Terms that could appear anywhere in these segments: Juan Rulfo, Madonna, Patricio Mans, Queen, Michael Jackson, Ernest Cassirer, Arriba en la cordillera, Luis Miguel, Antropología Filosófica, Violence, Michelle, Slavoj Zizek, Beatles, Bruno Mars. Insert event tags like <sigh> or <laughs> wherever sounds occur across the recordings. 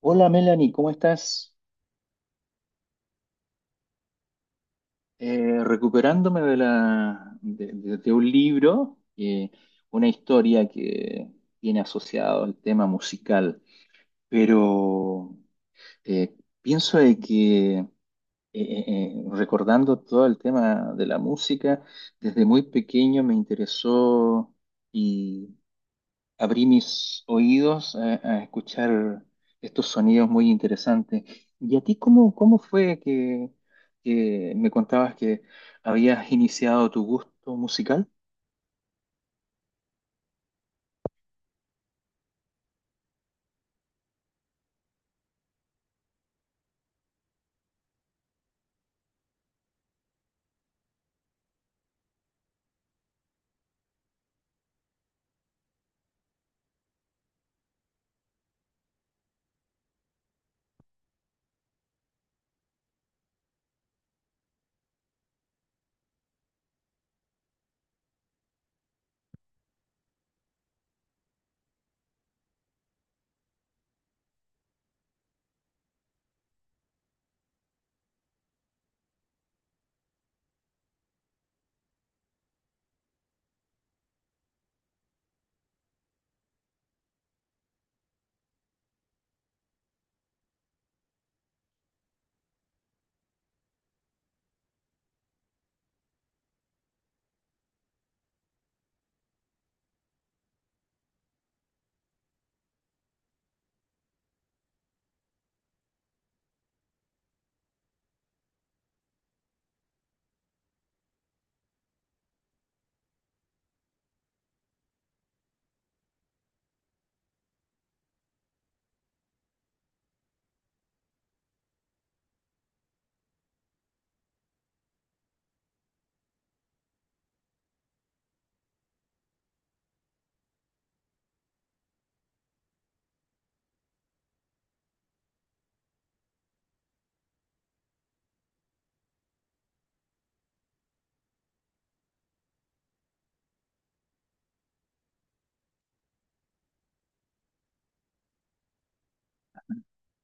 Hola Melanie, ¿cómo estás? Recuperándome de, la, de un libro, una historia que tiene asociado el tema musical, pero eh, pienso de que recordando todo el tema de la música, desde muy pequeño me interesó, abrí mis oídos a escuchar estos sonidos muy interesantes. ¿Y a ti cómo fue que me contabas que habías iniciado tu gusto musical?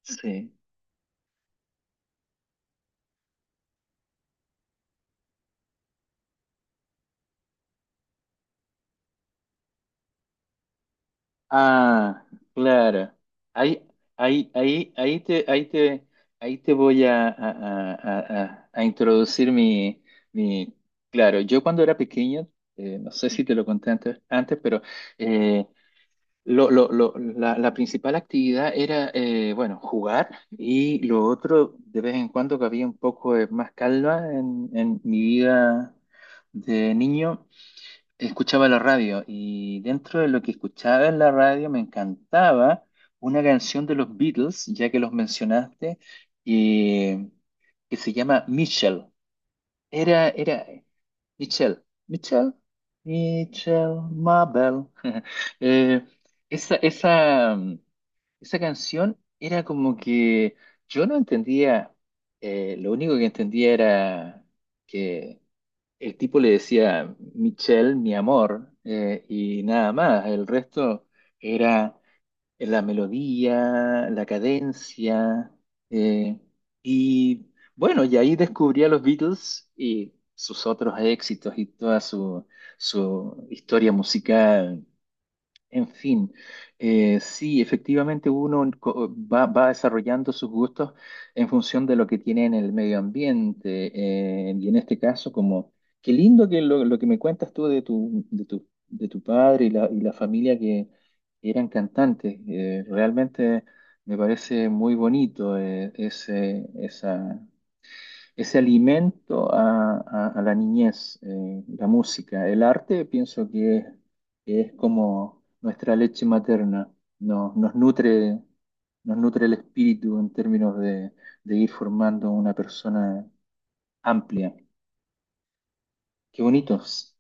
Sí. Ah, claro. Ahí, ahí, ahí, ahí te, ahí te, ahí te voy a introducir mi. Claro, yo cuando era pequeño, no sé si te lo conté antes, pero eh, la principal actividad era, bueno, jugar, y lo otro, de vez en cuando que había un poco de más calma en mi vida de niño, escuchaba la radio, y dentro de lo que escuchaba en la radio me encantaba una canción de los Beatles, ya que los mencionaste, eh, que se llama Michelle. Era, era, Michelle, Michelle, Michelle Mabel. <laughs> Eh, esa, esa, mm, esa canción era como que yo no entendía. Lo único que entendía era que el tipo le decía Michelle, mi amor, y nada más. El resto era en la melodía, la cadencia. eh, y bueno, y ahí descubrí a los Beatles y sus otros éxitos y toda su historia musical. En fin, sí, efectivamente uno va desarrollando sus gustos en función de lo que tiene en el medio ambiente. Y en este caso, como, qué lindo lo que me cuentas tú de tu padre y la familia que eran cantantes. Realmente me parece muy bonito ese alimento a la niñez. La música, el arte, pienso que es como nuestra leche materna, nos, nos nutre, nos nutre el espíritu en términos de ir formando una persona amplia. Qué bonitos.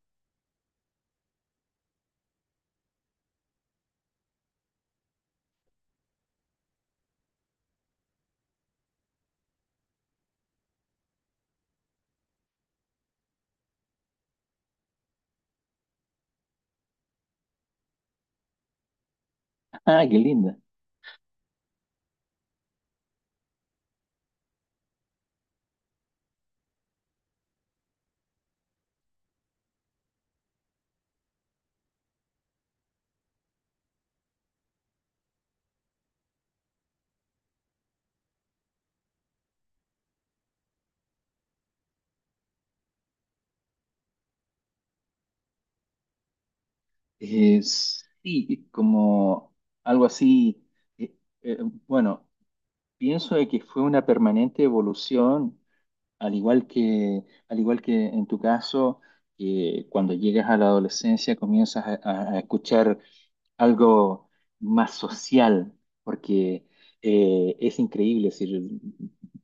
<laughs> Ah, qué linda. Sí, como algo así. eh, eh, bueno, pienso de que fue una permanente evolución. Al igual que, al igual que en tu caso, que cuando llegas a la adolescencia comienzas a escuchar algo más social, porque es increíble, es decir,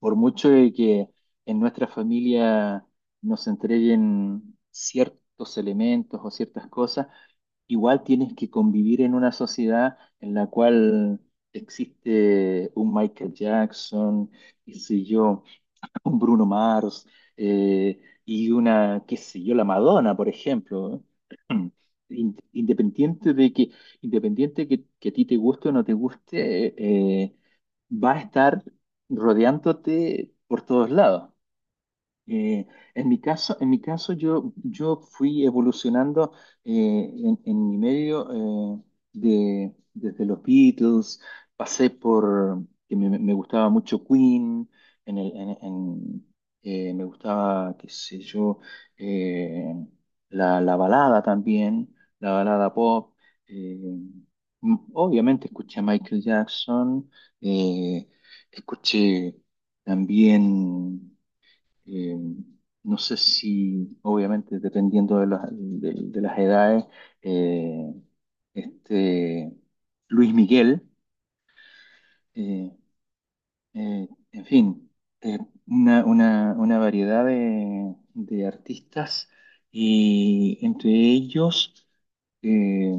por mucho de que en nuestra familia nos entreguen ciertos elementos o ciertas cosas, igual tienes que convivir en una sociedad en la cual existe un Michael Jackson, qué sé yo, <laughs> un Bruno Mars, y una, qué sé yo, la Madonna, por ejemplo. <clears throat> Independiente de que, independiente que a ti te guste o no te guste, eh, va a estar rodeándote por todos lados. Eh, en mi caso yo fui evolucionando en mi medio. De, desde los Beatles, pasé por, que me gustaba mucho Queen, en el, en, me gustaba, qué sé yo, eh, la balada también, la balada pop. eh, Obviamente escuché a Michael Jackson, eh, escuché también... Eh, no sé si, obviamente, dependiendo de las edades, eh, este, Luis Miguel, eh, en fin, eh, una variedad de artistas, y entre ellos eh,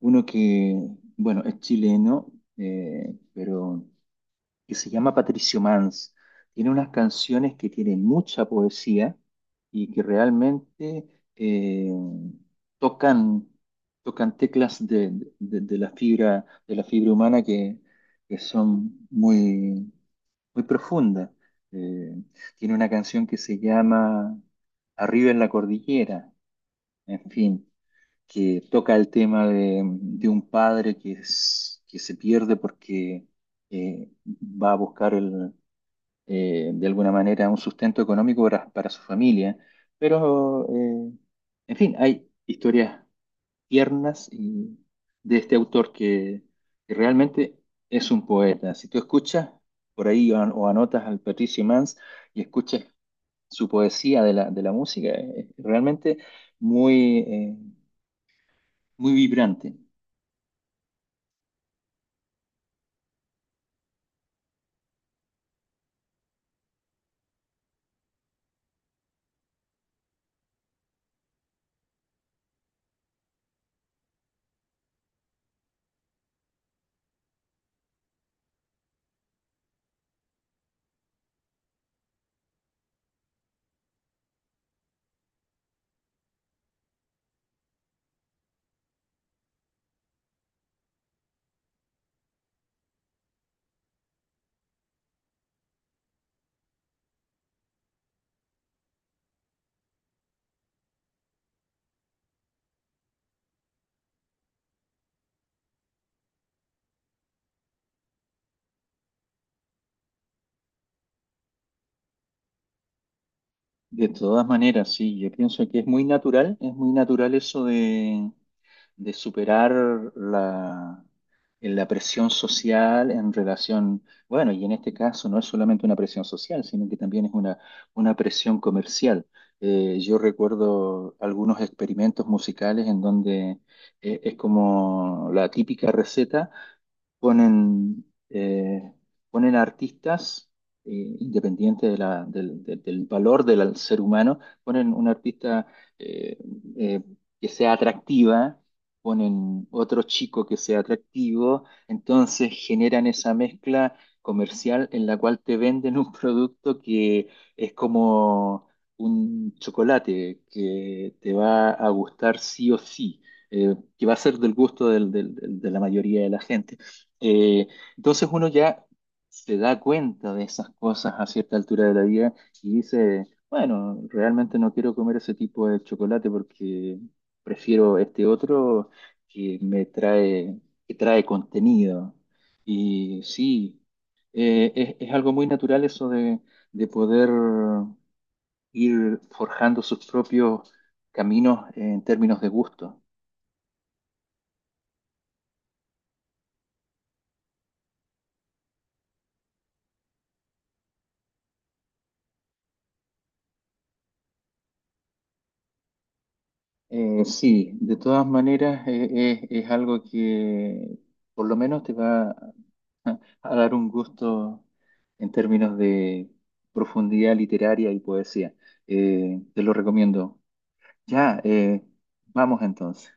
uno que, bueno, es chileno, pero que se llama Patricio Mans. Tiene unas canciones que tienen mucha poesía y que realmente eh, tocan, tocan teclas de la fibra, de la fibra humana que son muy profundas. Eh, Tiene una canción que se llama Arriba en la Cordillera, en fin, que toca el tema de un padre que se pierde porque va a buscar de alguna manera un sustento económico para su familia. Pero, en fin, hay historias tiernas y de este autor que realmente es un poeta. Si tú escuchas por ahí o anotas al Patricio Mans y escuchas su poesía de la música, es realmente muy, eh, muy vibrante. De todas maneras, sí, yo pienso que es muy natural eso de superar la, la presión social en relación, bueno, y en este caso no es solamente una presión social, sino que también es una presión comercial. Yo recuerdo algunos experimentos musicales en donde es como la típica receta: ponen, eh, ponen artistas, eh, independiente de del valor del ser humano, ponen un artista eh, eh, que sea atractiva, ponen otro chico que sea atractivo, entonces generan esa mezcla comercial en la cual te venden un producto que es como un chocolate que te va a gustar sí o sí, que va a ser del gusto de la mayoría de la gente. Eh, entonces uno ya se da cuenta de esas cosas a cierta altura de la vida y dice, bueno, realmente no quiero comer ese tipo de chocolate porque prefiero este otro que me trae, que trae contenido. Y sí, es algo muy natural eso de poder ir forjando sus propios caminos en términos de gusto. Sí, de todas maneras es algo que por lo menos te va <laughs> a dar un gusto en términos de profundidad literaria y poesía. Te lo recomiendo. Ya, vamos entonces.